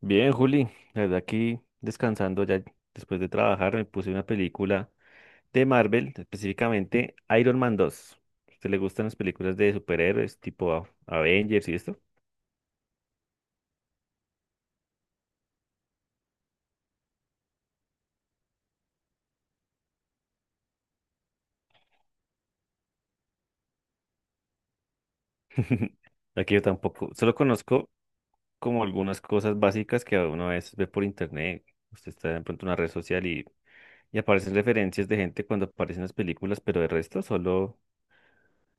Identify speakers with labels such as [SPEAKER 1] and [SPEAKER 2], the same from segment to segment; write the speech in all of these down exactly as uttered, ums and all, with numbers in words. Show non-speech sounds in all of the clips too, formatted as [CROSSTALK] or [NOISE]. [SPEAKER 1] Bien, Juli, la verdad aquí descansando ya después de trabajar me puse una película de Marvel, específicamente Iron Man dos. ¿A usted le gustan las películas de superhéroes tipo A- Avengers y esto? [LAUGHS] Aquí yo tampoco, solo conozco como algunas cosas básicas que uno a veces ve por internet. Usted está de pronto en una red social y, y aparecen referencias de gente cuando aparecen las películas, pero el resto solo,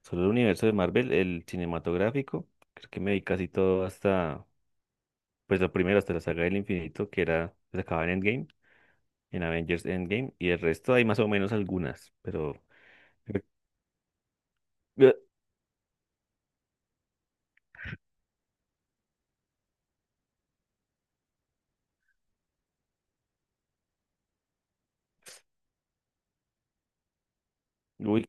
[SPEAKER 1] solo el universo de Marvel, el cinematográfico. Creo que me vi casi todo hasta pues la primera, hasta la saga del infinito, que era, se acababa en Endgame, en Avengers Endgame, y el resto hay más o menos algunas, pero eh, uy,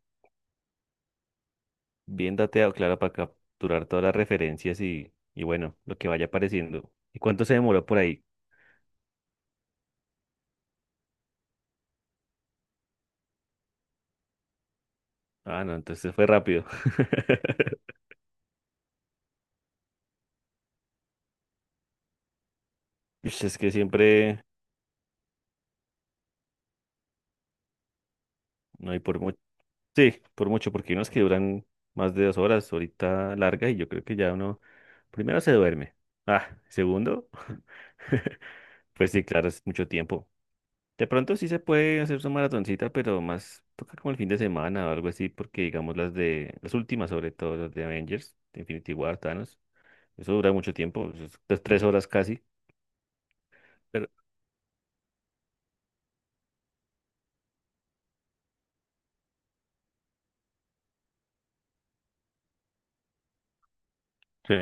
[SPEAKER 1] bien dateado, claro, para capturar todas las referencias y, y bueno, lo que vaya apareciendo. ¿Y cuánto se demoró por ahí? Ah, no, entonces fue rápido. [LAUGHS] Ush, es que siempre, no hay por mucho. Sí, por mucho, porque hay unos que duran más de dos horas, ahorita larga, y yo creo que ya uno, primero se duerme. Ah, segundo, [LAUGHS] pues sí, claro, es mucho tiempo. De pronto sí se puede hacer su maratoncita, pero más toca como el fin de semana o algo así, porque digamos las de, las últimas sobre todo, las de Avengers, de Infinity War, Thanos, eso dura mucho tiempo, eso es pues, tres horas casi, pero sí,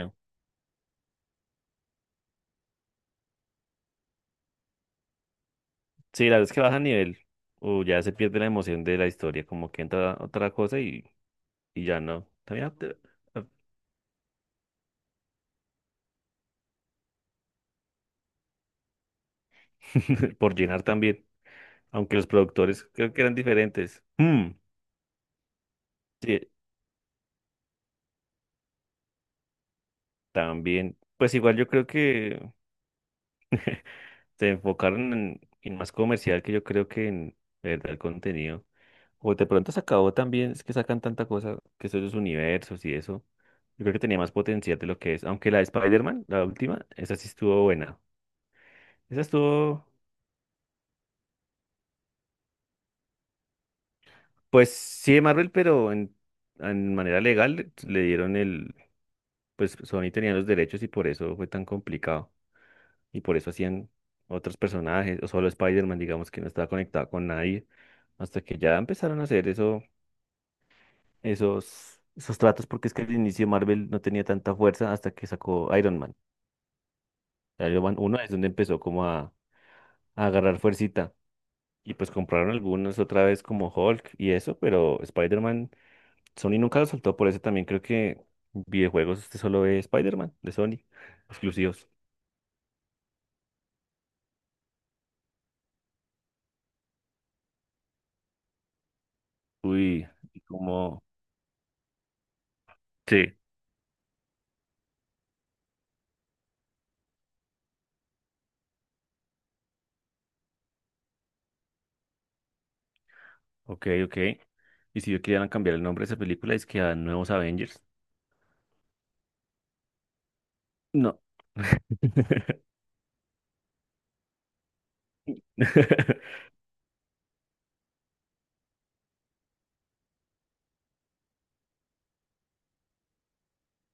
[SPEAKER 1] sí, la vez que baja nivel, o ya se pierde la emoción de la historia, como que entra otra cosa y, y ya no, también te- [LAUGHS] Por llenar también, aunque los productores creo que eran diferentes. Mm, sí, también, pues igual yo creo que se enfocaron en, en más comercial que yo creo que en de verdad el contenido. O de pronto se acabó también, es que sacan tanta cosa, que son los universos y eso. Yo creo que tenía más potencial de lo que es. Aunque la de Spider-Man, la última, esa sí estuvo buena. Esa estuvo, pues sí de Marvel, pero en, en manera legal le dieron el, pues Sony tenía los derechos y por eso fue tan complicado. Y por eso hacían otros personajes, o solo Spider-Man, digamos que no estaba conectado con nadie. Hasta que ya empezaron a hacer eso esos, esos tratos, porque es que al inicio Marvel no tenía tanta fuerza hasta que sacó Iron Man. Iron Man uno es donde empezó como a, a agarrar fuercita. Y pues compraron algunos otra vez como Hulk y eso, pero Spider-Man, Sony nunca lo soltó, por eso también creo que videojuegos este solo ve Spider-Man de Sony, exclusivos. Uy, y como... Sí. Ok, ok. Y si yo querían cambiar el nombre de esa película, es que a Nuevos Avengers. No. [LAUGHS]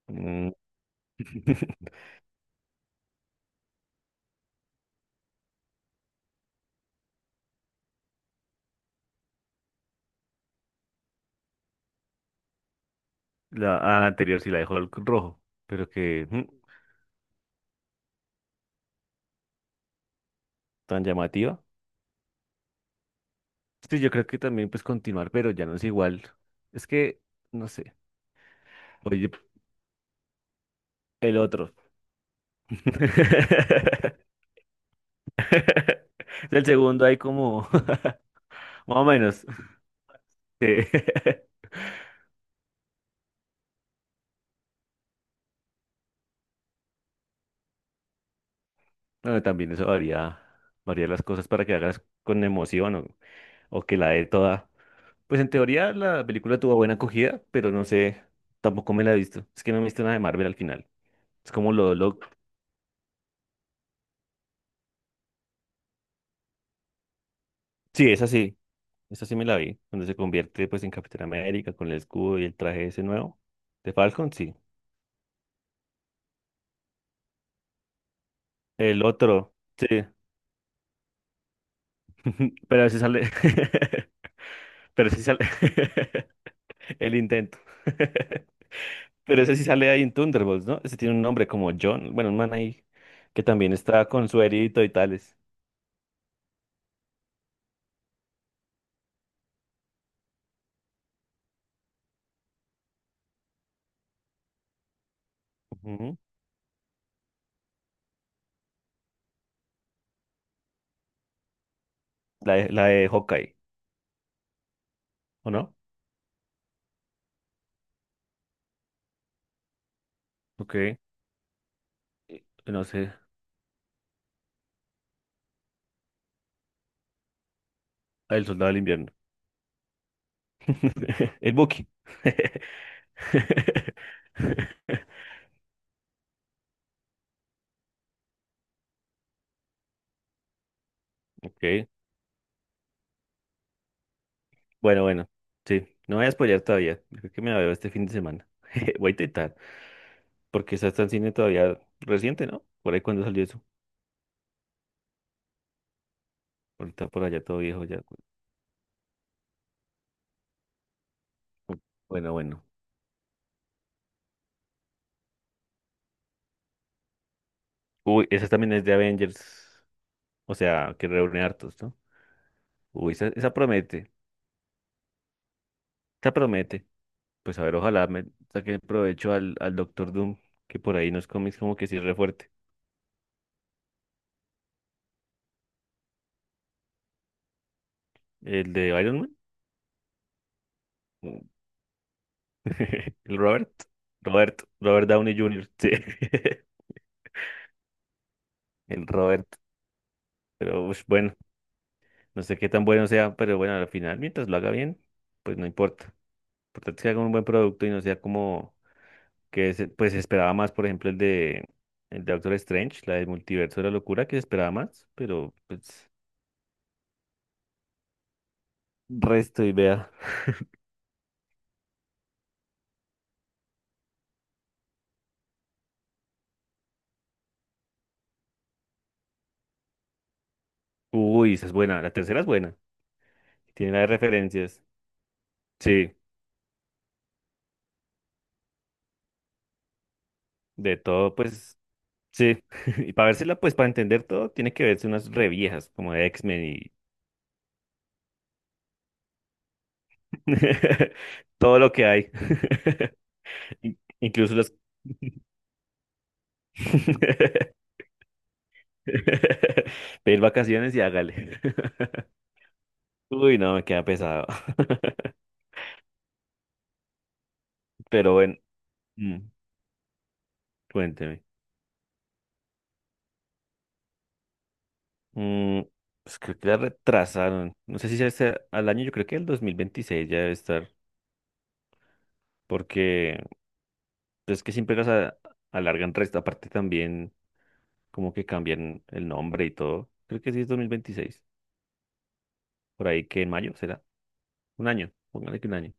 [SPEAKER 1] Mm. [LAUGHS] La, a la anterior sí la dejó el rojo, pero que mm, tan llamativa. Sí, yo creo que también pues continuar, pero ya no es igual. Es que, no sé. Oye, el otro. [LAUGHS] El segundo hay como, [LAUGHS] más o menos. Sí. [LAUGHS] Bueno, también eso varía, varía las cosas para que hagas con emoción o, o que la dé toda. Pues en teoría la película tuvo buena acogida, pero no sé, tampoco me la he visto. Es que no me he visto nada de Marvel al final. Es como lo, lo... Sí, es así. Esta sí me la vi, donde se convierte pues en Capitán América con el escudo y el traje ese nuevo. De Falcon, sí. El otro, sí. [LAUGHS] Pero ese sale. [LAUGHS] Pero sí sale. [LAUGHS] El intento. [LAUGHS] Pero ese sí sale ahí en Thunderbolts, ¿no? Ese tiene un nombre como John. Bueno, un man ahí que también está con suerito y tales. Ujú. La de, la de Hawkeye, ¿o no? Ok. Eh, no sé. Ah, el soldado del invierno. [LAUGHS] El Bucky. [LAUGHS] Ok. Bueno, bueno, sí, no voy a spoilear todavía. Yo creo que me la veo este fin de semana. [LAUGHS] Voy a intentar, porque esa está en cine todavía reciente, ¿no? Por ahí cuando salió eso. Ahorita por allá todo viejo ya. Bueno, bueno. Uy, esa también es de Avengers. O sea, que reúne hartos, ¿no? Uy, esa, esa promete, esa promete. Pues a ver, ojalá me saque provecho al, al Doctor Doom, que por ahí nos cómics como que sí es re fuerte. El de Iron Man. Mm. [LAUGHS] El Robert. Robert, Robert Downey junior Sí. [LAUGHS] El Robert. Pero ush, bueno, no sé qué tan bueno sea, pero bueno, al final, mientras lo haga bien, pues no importa. Lo importante es que haga un buen producto y no sea como que se- pues se esperaba más, por ejemplo, el de el de Doctor Strange, la del multiverso de la locura, que se esperaba más, pero pues resto y vea. Uy, esa es buena, la tercera es buena. Tiene la de referencias. Sí, de todo, pues sí. [LAUGHS] Y para vérsela, pues para entender todo, tiene que verse unas reviejas como de X-Men y [LAUGHS] todo lo que hay. [LAUGHS] In- Incluso las. [LAUGHS] [LAUGHS] Pedir vacaciones y hágale. [LAUGHS] Uy, no, me queda pesado. [LAUGHS] Pero bueno, mm, cuénteme. Mm, pues creo que la retrasaron. No sé si sea este- al año, yo creo que el dos mil veintiséis ya debe estar. Porque pues, es que siempre las a- alargan resto. Aparte también como que cambian el nombre y todo. Creo que sí es dos mil veintiséis. Por ahí que en mayo será. Un año. Póngale que un año.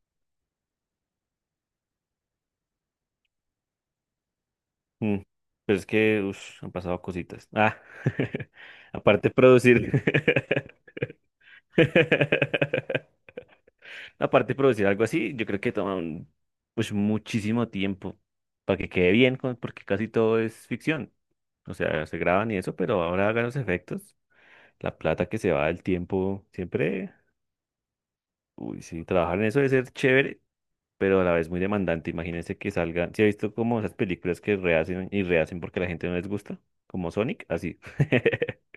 [SPEAKER 1] Mm, Pero es que ush, han pasado cositas. Ah, [LAUGHS] aparte de producir. [LAUGHS] Aparte de producir algo así, yo creo que toma un- pues muchísimo tiempo para que quede bien, con- porque casi todo es ficción. O sea, se graban y eso, pero ahora hagan los efectos. La plata que se va, el tiempo, siempre. Uy, sí, trabajar en eso debe ser chévere, pero a la vez muy demandante. Imagínense que salgan. ¿Si he visto como esas películas que rehacen y rehacen porque a la gente no les gusta? Como Sonic, así. [LAUGHS]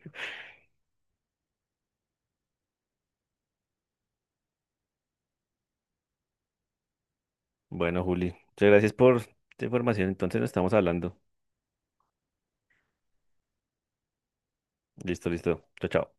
[SPEAKER 1] Bueno, Juli, muchas gracias por tu información. Entonces nos estamos hablando. Listo, listo. Chao, chao.